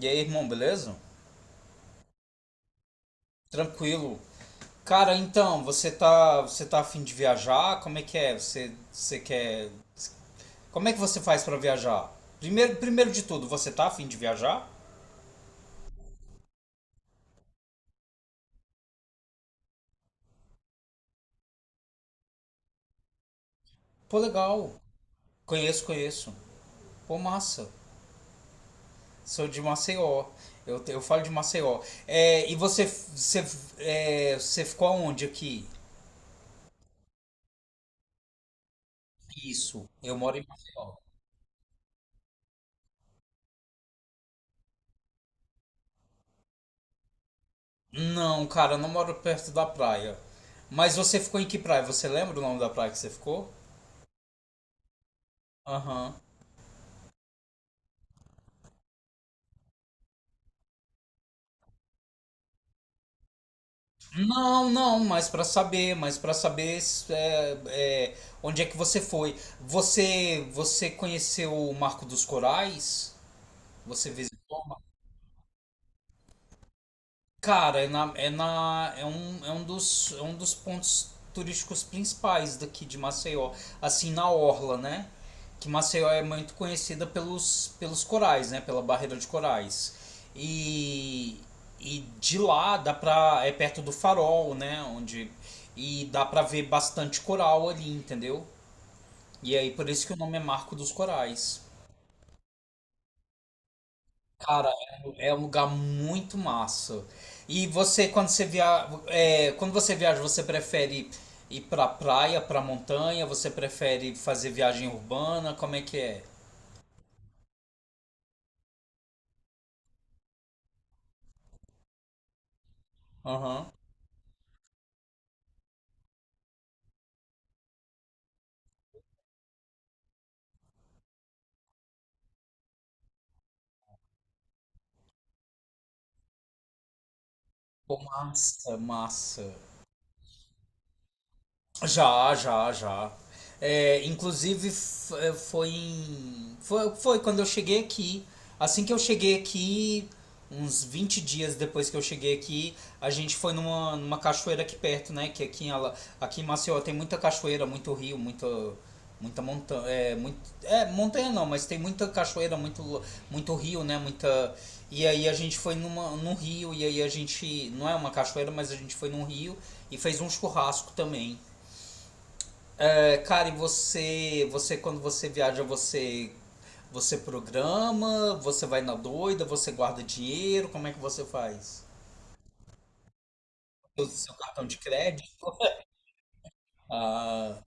E aí, irmão, beleza? Tranquilo. Cara, então, você tá afim de viajar? Como é que é? Você quer. Como é que você faz pra viajar? Primeiro de tudo, você tá afim de viajar? Pô, legal. Conheço, conheço. Pô, massa. Sou de Maceió. Eu falo de Maceió. É, e você ficou aonde aqui? Isso. Eu moro em Maceió. Não, cara, eu não moro perto da praia. Mas você ficou em que praia? Você lembra o nome da praia que você ficou? Aham. Não, não, mas para saber é, é, onde é que você foi. Você conheceu o Marco dos Corais? Você visitou? Cara, é um dos pontos turísticos principais daqui de Maceió, assim na orla, né? Que Maceió é muito conhecida pelos corais, né? Pela barreira de corais. E e de lá dá pra perto do Farol, né? Onde e dá pra ver bastante coral ali, entendeu? E aí por isso que o nome é Marco dos Corais. Cara, é um lugar muito massa. E você, quando você viaja, você prefere ir pra praia, pra montanha? Você prefere fazer viagem urbana? Como é que é? Aham. Pô, massa, massa. Já, já, já. É, inclusive f- é, foi, em- foi foi quando eu cheguei aqui. Assim que eu cheguei aqui, uns 20 dias depois que eu cheguei aqui, a gente foi numa cachoeira aqui perto, né? Que aqui em Maceió tem muita cachoeira, muito rio, muita montanha. É, montanha não, mas tem muita cachoeira, muito rio, né? Muita. E aí a gente foi num rio, e aí a gente. Não é uma cachoeira, mas a gente foi num rio e fez um churrasco também. É, cara, e você quando você viaja, você programa, você vai na doida, você guarda dinheiro, como é que você faz? Usa o seu cartão de crédito? Ah,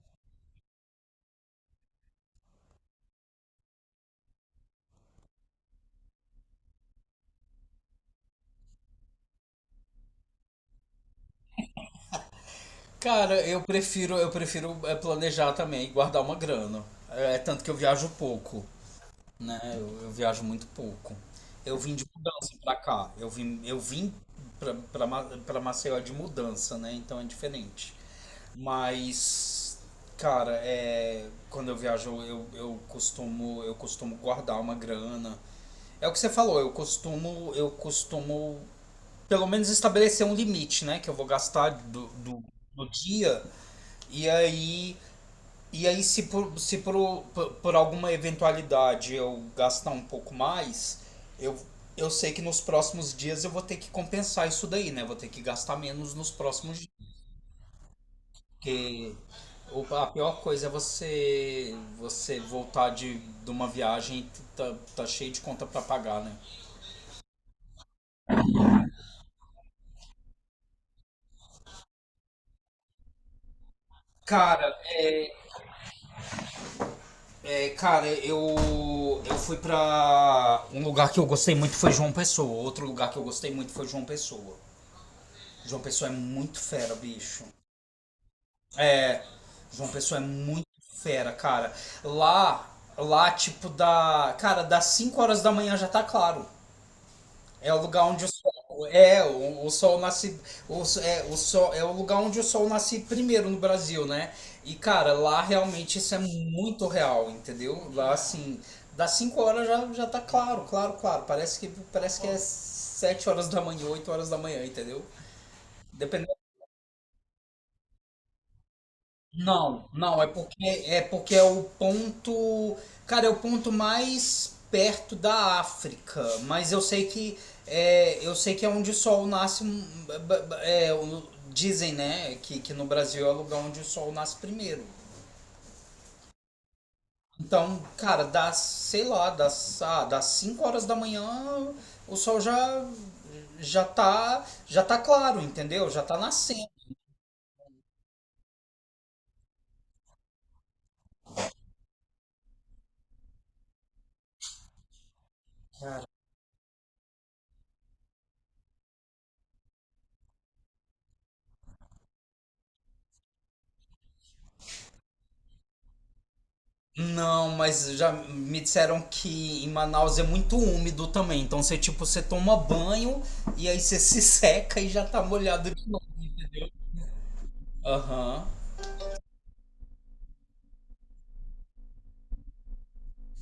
cara, eu prefiro planejar também, e guardar uma grana. É tanto que eu viajo pouco, né? Eu viajo muito pouco. Eu vim de mudança pra cá. Eu vim pra Maceió de mudança, né? Então é diferente. Mas, cara, quando eu viajo, eu costumo guardar uma grana. É o que você falou, eu costumo pelo menos estabelecer um limite, né, que eu vou gastar do dia. E aí e aí se por alguma eventualidade eu gastar um pouco mais, eu eu sei que nos próximos dias eu vou ter que compensar isso daí, né? Vou ter que gastar menos nos próximos dias. Porque a pior coisa é você voltar de uma viagem e tá cheio de conta pra pagar, né? Cara, cara, eu fui pra um lugar que eu gostei muito foi João Pessoa. Outro lugar que eu gostei muito foi João Pessoa. João Pessoa é muito fera, bicho. É, João Pessoa é muito fera, cara. Lá, lá, cara, das 5 horas da manhã já tá claro. É o lugar onde o sol o sol nasce o, so- é o sol é o lugar onde o sol nasce primeiro no Brasil, né? E cara, lá realmente isso é muito real, entendeu? Lá assim, das 5 horas já tá claro, claro, claro. Parece que é 7 horas da manhã, 8 horas da manhã, entendeu? Dependendo Não, não, é porque é o ponto mais perto da África, mas eu sei que é onde o sol nasce, dizem, né, que no Brasil é o lugar onde o sol nasce primeiro. Então, cara, sei lá, das 5 horas da manhã o sol já já tá claro, entendeu? Já tá nascendo. Não, mas já me disseram que em Manaus é muito úmido também. Então você tipo, você toma banho e aí você se seca e já tá molhado. Aham.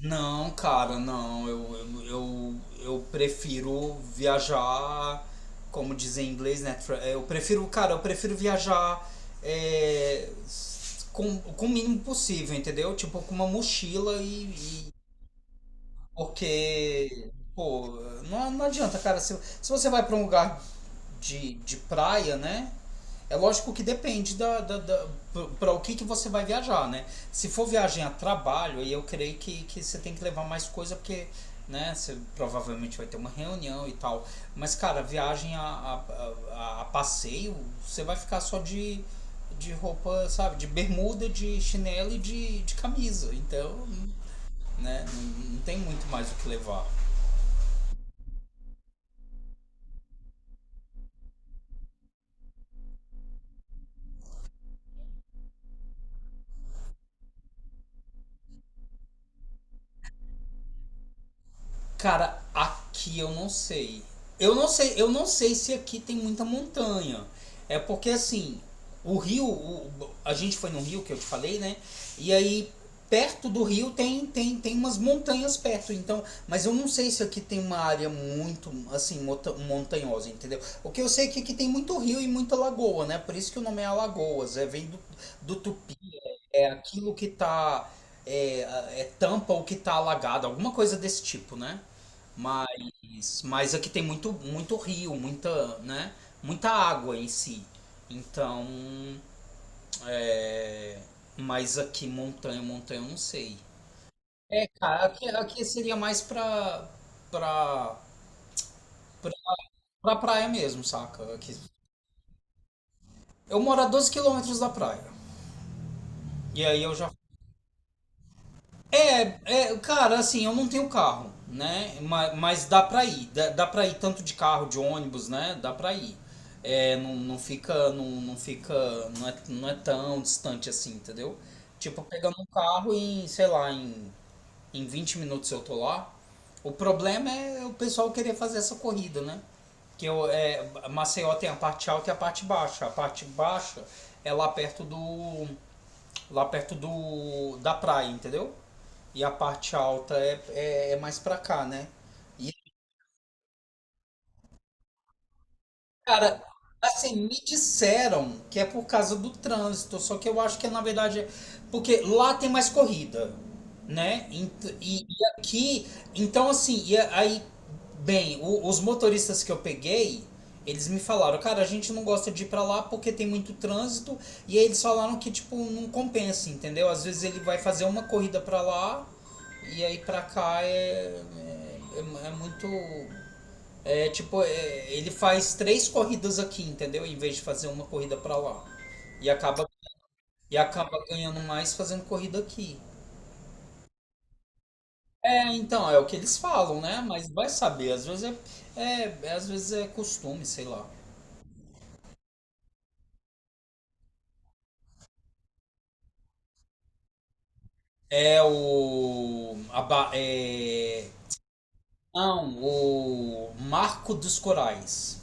Não, cara, não. Eu prefiro viajar, como dizem em inglês, né? Eu prefiro viajar com o mínimo possível, entendeu? Tipo, com uma mochila e, porque, pô, não, não adianta, cara. Se você vai para um lugar de praia, né? É lógico que depende da, para o que você vai viajar, né? Se for viagem a trabalho, aí eu creio que você tem que levar mais coisa, porque, né, você provavelmente vai ter uma reunião e tal. Mas, cara, viagem a passeio, você vai ficar só de roupa, sabe? De bermuda, de chinelo e de camisa. Então, né? Não, não tem muito mais o que levar. Cara, aqui eu não sei. Eu não sei se aqui tem muita montanha. É porque assim, o rio, o- a gente foi no rio que eu te falei, né? E aí perto do rio tem umas montanhas perto, então, mas eu não sei se aqui tem uma área muito assim montanhosa, entendeu? O que eu sei é que aqui tem muito rio e muita lagoa, né? Por isso que o nome é Alagoas, é vem do, do É aquilo que tá. É, é tampa o que tá alagado, alguma coisa desse tipo, né? Mas, aqui tem muito, rio, muita, né? Muita água em si. Então, é, mas aqui montanha, montanha, eu não sei. É, cara, aqui seria mais pra, pra, pra praia mesmo, saca? Aqui. Eu moro a 12 quilômetros da praia. E aí eu já É, cara, assim, eu não tenho carro, né? Mas, dá pra ir. Dá pra ir tanto de carro, de ônibus, né? Dá pra ir. É, não, não fica. Não, não fica. Não é tão distante assim, entendeu? Tipo, pegando um carro sei lá, em 20 minutos eu tô lá. O problema é o pessoal querer fazer essa corrida, né? Maceió tem a parte alta e a parte baixa. A parte baixa é lá perto do da praia, entendeu? E a parte alta é mais pra cá, né? E cara, assim, me disseram que é por causa do trânsito, só que eu acho que na verdade é porque lá tem mais corrida, né? E aqui, então assim, aí, bem, os motoristas que eu peguei, eles me falaram, cara, a gente não gosta de ir pra lá porque tem muito trânsito, e aí eles falaram que, tipo, não compensa, entendeu? Às vezes ele vai fazer uma corrida pra lá, e aí pra cá é muito. É, tipo, ele faz três corridas aqui, entendeu? Em vez de fazer uma corrida pra lá. E acaba, e acaba ganhando mais fazendo corrida aqui. É, então, é o que eles falam, né? Mas vai saber, às vezes às vezes é costume, sei lá. É o a, ba- é, não, o Marco dos Corais.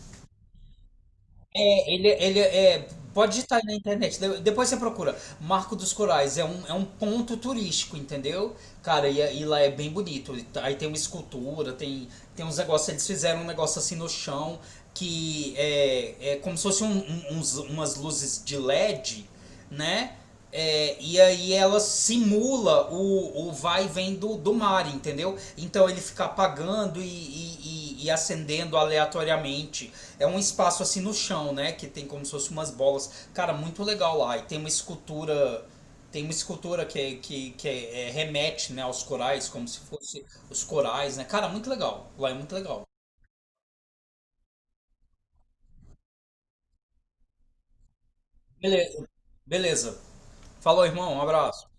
É, ele é. Pode digitar aí na internet, depois você procura. Marco dos Corais é um, ponto turístico, entendeu? Cara, e lá é bem bonito. Aí tem uma escultura, tem uns negócios. Eles fizeram um negócio assim no chão que é como se fosse umas luzes de LED, né? É, e aí ela simula o vai e vem do mar, entendeu? Então ele fica apagando e acendendo aleatoriamente. É um espaço assim no chão, né? Que tem como se fosse umas bolas. Cara, muito legal lá. E tem uma escultura. Tem uma escultura que remete, né, aos corais, como se fosse os corais, né? Cara, muito legal. Lá é muito legal. Beleza. Beleza. Falou, irmão. Um abraço.